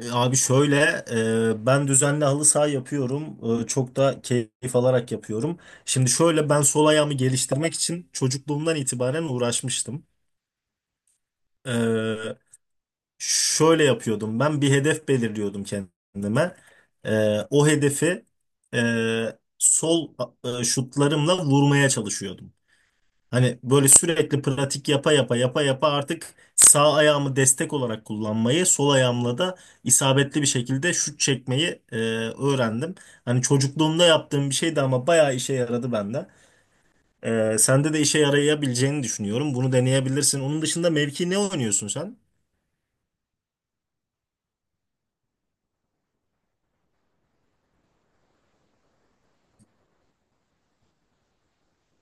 Abi şöyle, ben düzenli halı saha yapıyorum. Çok da keyif alarak yapıyorum. Şimdi şöyle ben sol ayağımı geliştirmek için çocukluğumdan itibaren uğraşmıştım. E, Şöyle yapıyordum. Ben bir hedef belirliyordum kendime. O hedefi sol şutlarımla vurmaya çalışıyordum. Hani böyle sürekli pratik yapa yapa yapa yapa artık sağ ayağımı destek olarak kullanmayı, sol ayağımla da isabetli bir şekilde şut çekmeyi öğrendim. Hani çocukluğumda yaptığım bir şeydi ama bayağı işe yaradı bende. Sende de işe yarayabileceğini düşünüyorum. Bunu deneyebilirsin. Onun dışında mevki ne oynuyorsun sen?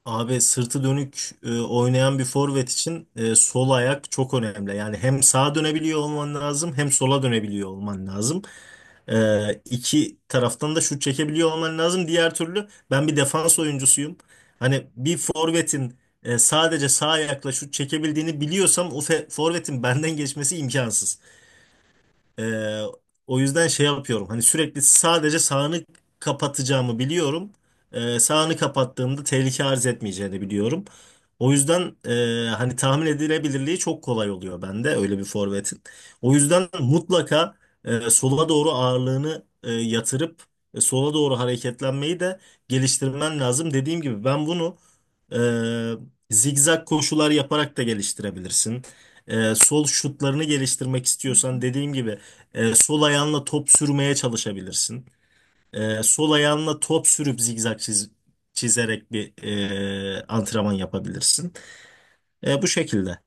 Abi sırtı dönük oynayan bir forvet için sol ayak çok önemli. Yani hem sağa dönebiliyor olman lazım hem sola dönebiliyor olman lazım. İki taraftan da şut çekebiliyor olman lazım. Diğer türlü ben bir defans oyuncusuyum. Hani bir forvetin sadece sağ ayakla şut çekebildiğini biliyorsam o forvetin benden geçmesi imkansız. Ee, O yüzden şey yapıyorum. Hani sürekli sadece sağını kapatacağımı biliyorum. Sağını kapattığımda tehlike arz etmeyeceğini biliyorum. O yüzden hani tahmin edilebilirliği çok kolay oluyor bende öyle bir forvetin. O yüzden mutlaka sola doğru ağırlığını yatırıp sola doğru hareketlenmeyi de geliştirmen lazım. Dediğim gibi ben bunu zigzag koşular yaparak da geliştirebilirsin. Sol şutlarını geliştirmek istiyorsan dediğim gibi sol ayağınla top sürmeye çalışabilirsin. Sol ayağınla top sürüp zigzag çizerek bir antrenman yapabilirsin. Bu şekilde.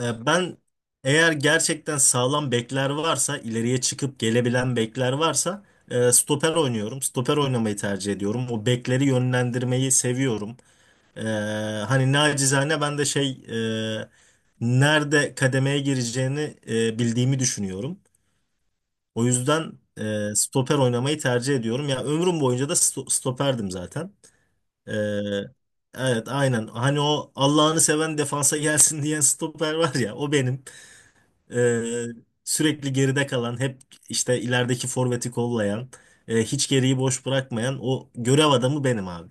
Ben eğer gerçekten sağlam bekler varsa, ileriye çıkıp gelebilen bekler varsa stoper oynuyorum. Stoper oynamayı tercih ediyorum. O bekleri yönlendirmeyi seviyorum. E, Hani nacizane ben de şey e, nerede kademeye gireceğini bildiğimi düşünüyorum. O yüzden stoper oynamayı tercih ediyorum. Ya ömrüm boyunca da stoperdim zaten. E, evet, aynen. Hani o Allah'ını seven defansa gelsin diyen stoper var ya o benim. E, Sürekli geride kalan, hep işte ilerideki forveti kollayan, hiç geriyi boş bırakmayan o görev adamı benim abi.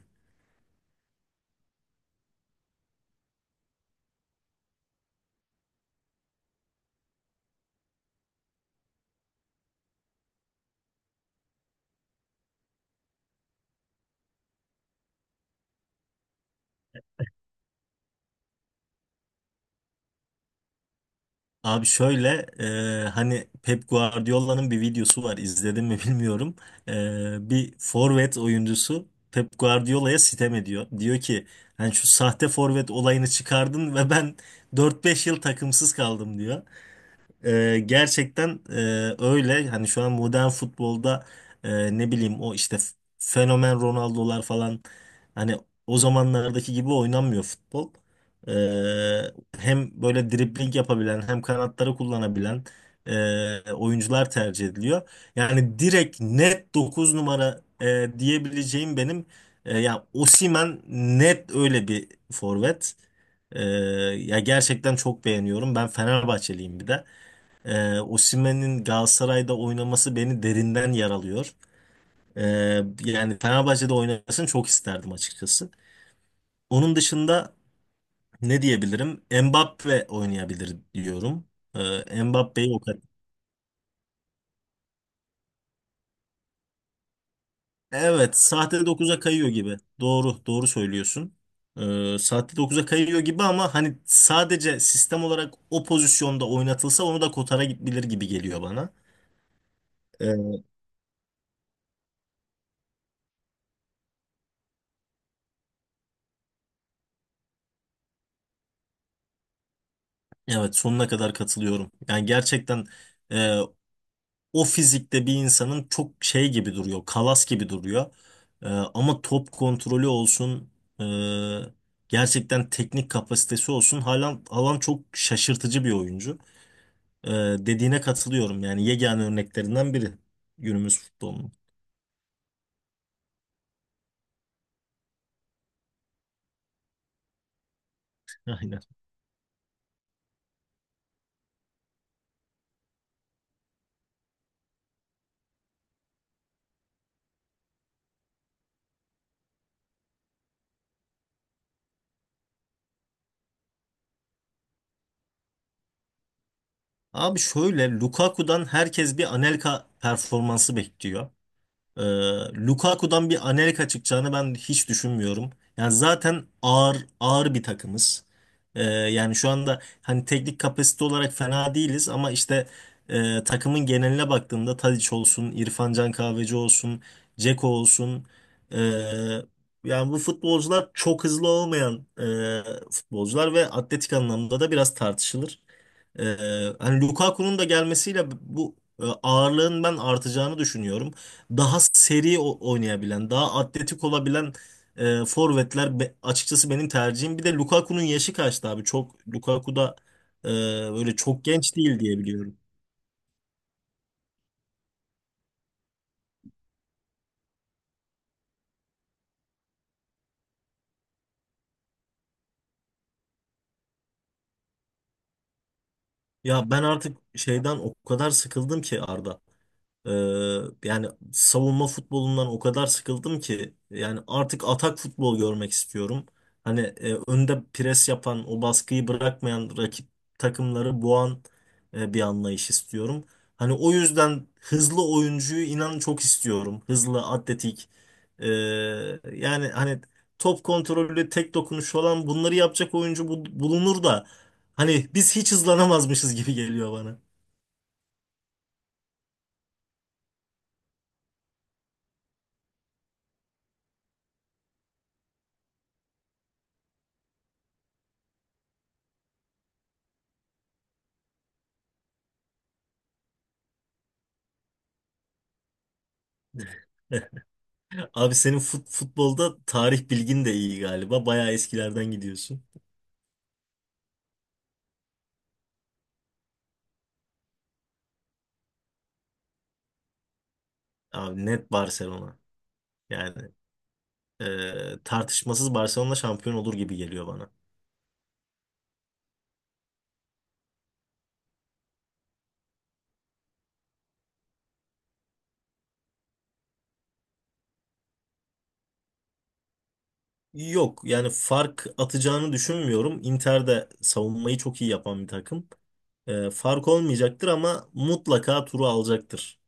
Abi şöyle hani Pep Guardiola'nın bir videosu var izledim mi bilmiyorum. Bir forvet oyuncusu Pep Guardiola'ya sitem ediyor. Diyor ki hani şu sahte forvet olayını çıkardın ve ben dört beş yıl takımsız kaldım diyor. Gerçekten öyle. Hani şu an modern futbolda ne bileyim o işte fenomen Ronaldo'lar falan hani o zamanlardaki gibi oynanmıyor futbol. Ee, Hem böyle dribling yapabilen hem kanatları kullanabilen oyuncular tercih ediliyor. Yani direkt net 9 numara diyebileceğim benim ya Osimhen net öyle bir forvet. Ya gerçekten çok beğeniyorum. Ben Fenerbahçeliyim bir de. Osimhen'in Galatasaray'da oynaması beni derinden yaralıyor. Yani Fenerbahçe'de oynamasını çok isterdim açıkçası. Onun dışında ne diyebilirim? Mbappe oynayabilir diyorum. Mbappe'yi o kadar. Evet, sahte dokuz'a kayıyor gibi. Doğru, doğru söylüyorsun. Sahte 9'a kayıyor gibi ama hani sadece sistem olarak o pozisyonda oynatılsa onu da kotara gidebilir gibi geliyor bana. Ee, evet, sonuna kadar katılıyorum. Yani gerçekten o fizikte bir insanın çok şey gibi duruyor, kalas gibi duruyor. Ama top kontrolü olsun, e, gerçekten teknik kapasitesi olsun. Haaland, Haaland çok şaşırtıcı bir oyuncu. Ee, Dediğine katılıyorum yani yegane örneklerinden biri günümüz futbolunun. Aynen. Abi şöyle Lukaku'dan herkes bir Anelka performansı bekliyor. Ee, Lukaku'dan bir Anelka çıkacağını ben hiç düşünmüyorum. Yani zaten ağır ağır bir takımız. Yani şu anda hani teknik kapasite olarak fena değiliz ama işte takımın geneline baktığımda Tadiç olsun, İrfan Can Kahveci olsun, Dzeko olsun. e, Yani bu futbolcular çok hızlı olmayan futbolcular ve atletik anlamda da biraz tartışılır. Hani Lukaku'nun da gelmesiyle bu ağırlığın ben artacağını düşünüyorum. Daha seri oynayabilen, daha atletik olabilen forvetler açıkçası benim tercihim. Bir de Lukaku'nun yaşı kaçtı abi? Çok Lukaku da e, böyle çok genç değil diye biliyorum. Ya ben artık şeyden o kadar sıkıldım ki Arda. Ee, Yani savunma futbolundan o kadar sıkıldım ki yani artık atak futbol görmek istiyorum. Hani önde pres yapan, o baskıyı bırakmayan rakip takımları boğan bir anlayış istiyorum. Hani o yüzden hızlı oyuncuyu inan çok istiyorum. Hızlı, atletik. Ee, Yani hani top kontrolü, tek dokunuş olan bunları yapacak oyuncu bulunur da hani biz hiç hızlanamazmışız gibi geliyor bana. Abi senin futbolda tarih bilgin de iyi galiba. Bayağı eskilerden gidiyorsun. Abi net Barcelona. Yani tartışmasız Barcelona şampiyon olur gibi geliyor bana. Yok yani fark atacağını düşünmüyorum. Inter de savunmayı çok iyi yapan bir takım. Fark olmayacaktır ama mutlaka turu alacaktır.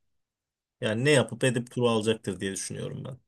Yani ne yapıp edip turu alacaktır diye düşünüyorum ben.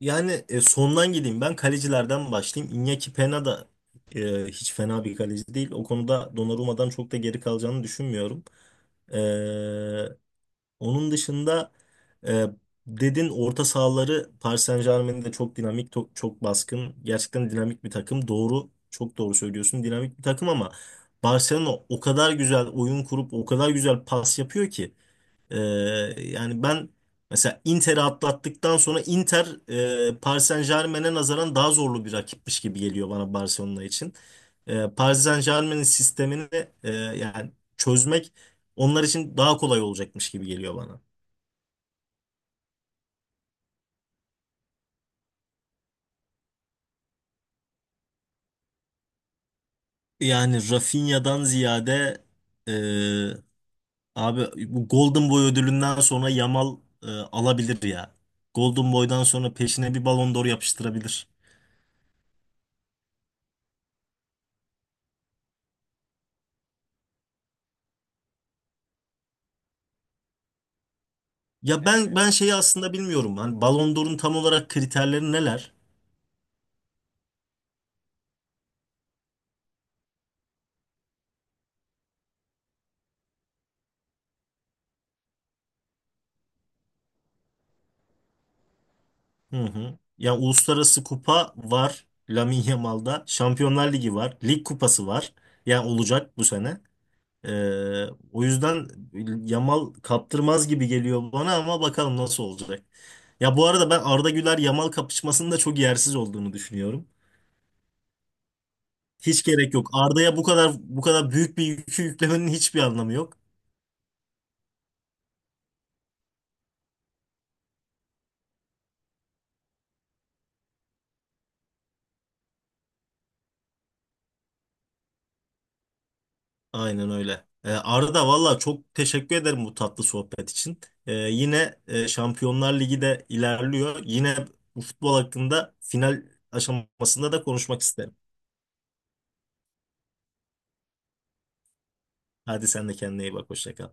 Yani sondan gideyim. Ben kalecilerden başlayayım. Iñaki Peña da hiç fena bir kaleci değil. O konuda Donnarumma'dan çok da geri kalacağını düşünmüyorum. E, Onun dışında e, dedin orta sahaları Paris Saint-Germain'in de çok dinamik, çok baskın. Gerçekten dinamik bir takım. Doğru, çok doğru söylüyorsun. Dinamik bir takım ama Barcelona o kadar güzel oyun kurup o kadar güzel pas yapıyor ki. Ee, Yani ben mesela Inter'i atlattıktan sonra Inter Paris Saint-Germain'e nazaran daha zorlu bir rakipmiş gibi geliyor bana Barcelona için. Paris Saint-Germain'in sistemini yani çözmek onlar için daha kolay olacakmış gibi geliyor bana. Yani Rafinha'dan ziyade e, abi bu Golden Boy ödülünden sonra Yamal alabilir ya. Golden Boy'dan sonra peşine bir Ballon d'Or yapıştırabilir. Ya ben şeyi aslında bilmiyorum. Hani Ballon d'Or'un tam olarak kriterleri neler? Hı hı. Ya uluslararası kupa var Lamine Yamal'da. Şampiyonlar Ligi var. Lig kupası var. Ya olacak bu sene. Ee, O yüzden Yamal kaptırmaz gibi geliyor bana ama bakalım nasıl olacak. Ya bu arada ben Arda Güler Yamal kapışmasının da çok yersiz olduğunu düşünüyorum. Hiç gerek yok. Arda'ya bu kadar bu kadar büyük bir yükü yüklemenin hiçbir anlamı yok. Aynen öyle. Arda, valla çok teşekkür ederim bu tatlı sohbet için. Yine Şampiyonlar Ligi de ilerliyor. Yine bu futbol hakkında final aşamasında da konuşmak isterim. Hadi sen de kendine iyi bak. Hoşça kal.